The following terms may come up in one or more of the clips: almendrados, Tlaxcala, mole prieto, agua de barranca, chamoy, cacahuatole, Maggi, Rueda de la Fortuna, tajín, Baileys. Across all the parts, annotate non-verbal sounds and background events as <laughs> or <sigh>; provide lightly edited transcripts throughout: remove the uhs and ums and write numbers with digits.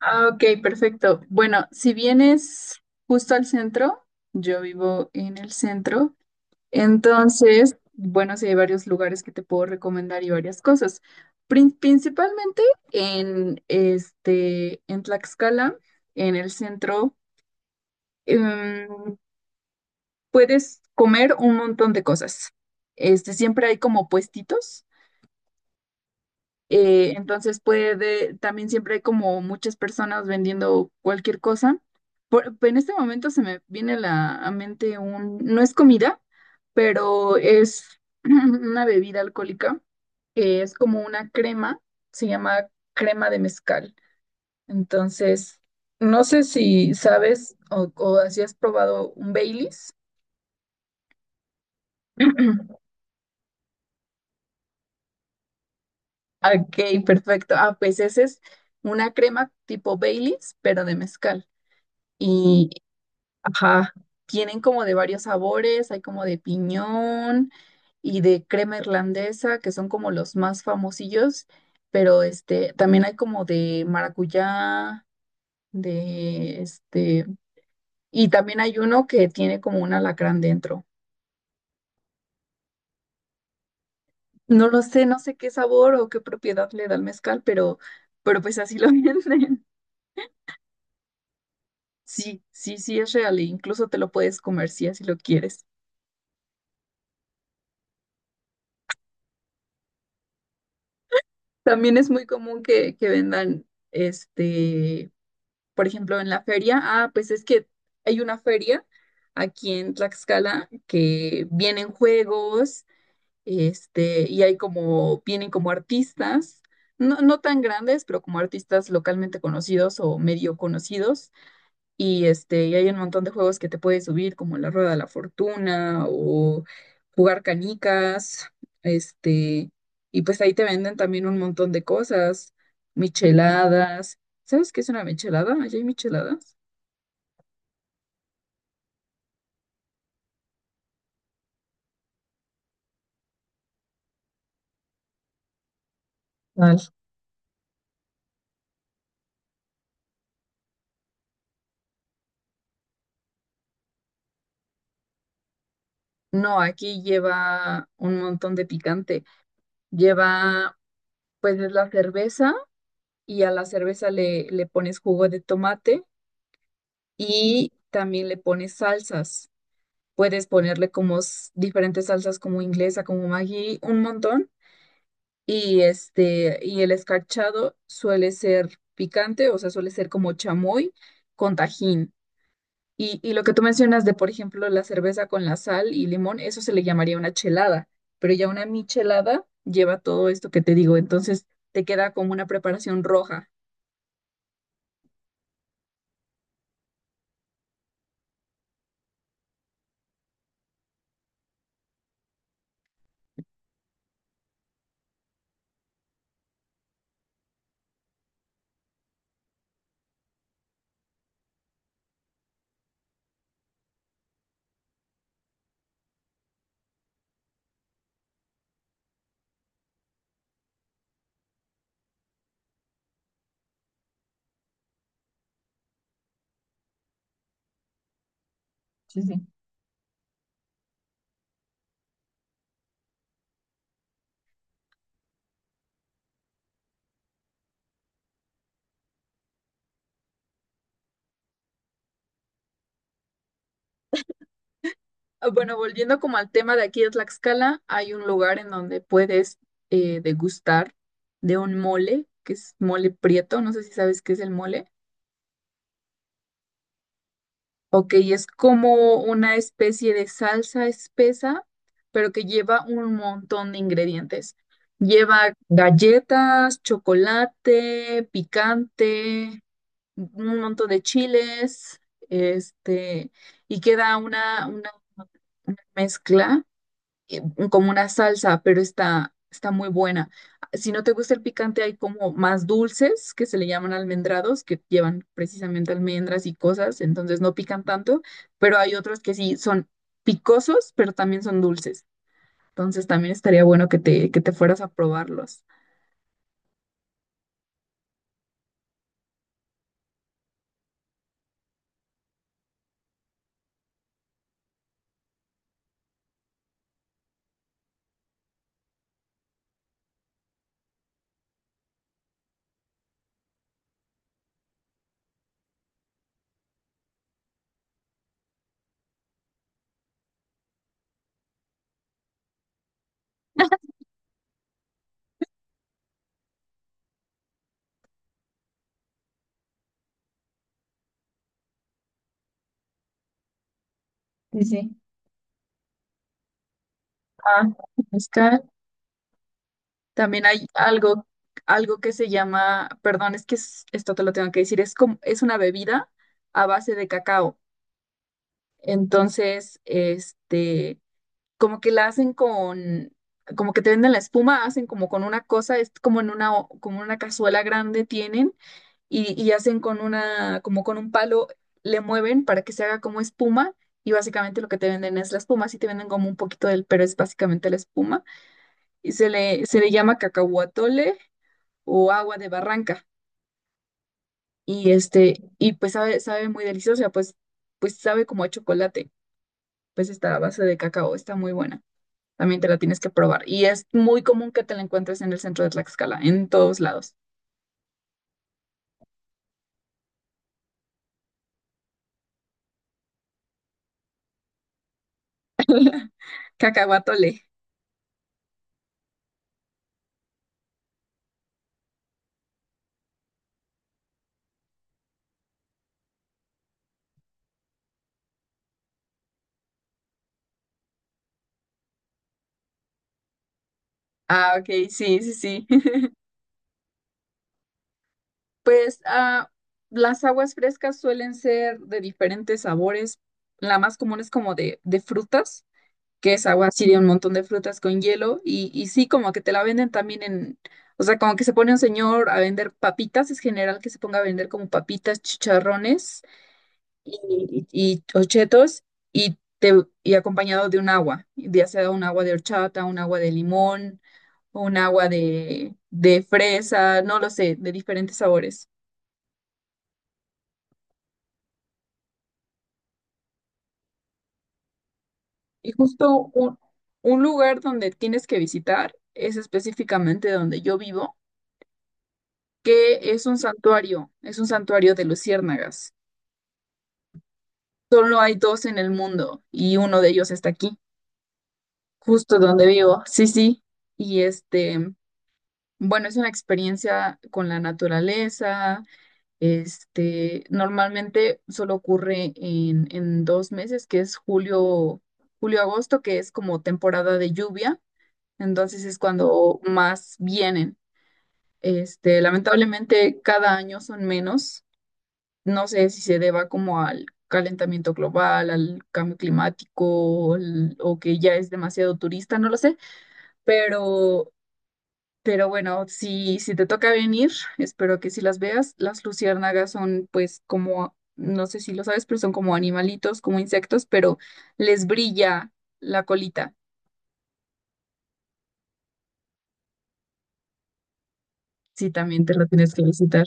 Ah, ok, perfecto. Bueno, si vienes justo al centro, yo vivo en el centro, entonces, bueno, sí hay varios lugares que te puedo recomendar y varias cosas. Principalmente en Tlaxcala, en el centro, em, puedes comer un montón de cosas. Siempre hay como puestitos. Entonces también siempre hay como muchas personas vendiendo cualquier cosa. En este momento se me viene a la a mente no es comida, pero es <clears throat> una bebida alcohólica que es como una crema, se llama crema de mezcal. Entonces, no sé si sabes o si has probado un Baileys. <clears throat> Ok, perfecto. Ah, pues ese es una crema tipo Baileys, pero de mezcal. Ajá, tienen como de varios sabores, hay como de piñón y de crema irlandesa, que son como los más famosillos, pero también hay como de maracuyá, de este, y también hay uno que tiene como un alacrán dentro. No lo sé, no sé qué sabor o qué propiedad le da el mezcal, pero pues así lo <laughs> venden. Sí, sí, sí es real, e incluso te lo puedes comer si así lo quieres. También es muy común que vendan este por ejemplo, en la feria, ah, pues es que hay una feria aquí en Tlaxcala que vienen juegos, y vienen como artistas, no, no tan grandes, pero como artistas localmente conocidos o medio conocidos, y hay un montón de juegos que te puedes subir, como la Rueda de la Fortuna o jugar canicas. Este, y pues ahí te venden también un montón de cosas, micheladas. ¿Sabes qué es una michelada? ¿Allá hay micheladas? Tal. No, aquí lleva un montón de picante. Lleva, pues, es la cerveza y a la cerveza le pones jugo de tomate y también le pones salsas. Puedes ponerle como diferentes salsas como inglesa, como Maggi, un montón. Y el escarchado suele ser picante, o sea, suele ser como chamoy con tajín. Y lo que tú mencionas de, por ejemplo, la cerveza con la sal y limón, eso se le llamaría una chelada, pero ya una michelada lleva todo esto que te digo, entonces te queda como una preparación roja. Sí, sí. Ah, bueno, volviendo como al tema de aquí de Tlaxcala, hay un lugar en donde puedes degustar de un mole, que es mole prieto, no sé si sabes qué es el mole. Ok, es como una especie de salsa espesa, pero que lleva un montón de ingredientes. Lleva galletas, chocolate, picante, un montón de chiles, este, y queda una mezcla, eh, como una salsa, pero está muy buena. Si no te gusta el picante, hay como más dulces que se le llaman almendrados, que llevan precisamente almendras y cosas, entonces no pican tanto, pero hay otros que sí son picosos, pero también son dulces. Entonces también estaría bueno que te fueras a probarlos. Sí, sí. Ah, mezcal. También hay algo que se llama, perdón, es que esto te lo tengo que decir, es una bebida a base de cacao. Entonces, como que la hacen como que te venden la espuma, hacen como con una cosa, es como como una cazuela grande tienen y hacen como con un palo, le mueven para que se haga como espuma y básicamente lo que te venden es la espuma, sí te venden como un poquito pero es básicamente la espuma y se le llama cacahuatole o agua de barranca y pues sabe muy deliciosa, pues sabe como a chocolate, pues esta base de cacao, está muy buena. También te la tienes que probar. Y es muy común que te la encuentres en el centro de Tlaxcala, en todos lados. <laughs> Cacahuatole. Ah, ok, sí, sí, sí. <laughs> Pues ah, las aguas frescas suelen ser de diferentes sabores. La más común es como de frutas, que es agua así de un montón de frutas con hielo. Y sí, como que te la venden o sea, como que se pone un señor a vender papitas, es general que se ponga a vender como papitas, chicharrones y ochetos y, te, y acompañado de un agua, ya sea un agua de horchata, un agua de limón, un agua de fresa, no lo sé, de diferentes sabores. Y justo un lugar donde tienes que visitar es específicamente donde yo vivo, que es un santuario de luciérnagas. Solo hay dos en el mundo y uno de ellos está aquí, justo donde vivo. Sí, sí. Y este, Bueno, es una experiencia con la naturaleza. Normalmente solo ocurre en 2 meses, que es julio-agosto, que es como temporada de lluvia. Entonces es cuando más vienen. Lamentablemente cada año son menos. No sé si se deba como al calentamiento global, al cambio climático, o o que ya es demasiado turista, no lo sé, pero pero bueno, si te toca venir, espero que sí las veas. Las luciérnagas son pues como, no sé si lo sabes, pero son como animalitos, como insectos, pero les brilla la colita. Sí, también te lo tienes que visitar.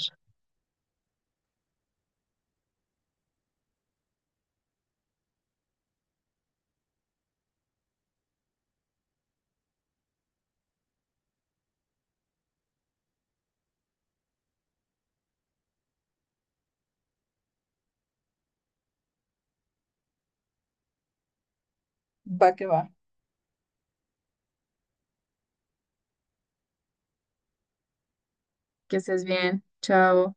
Va. Que estés bien. Chao.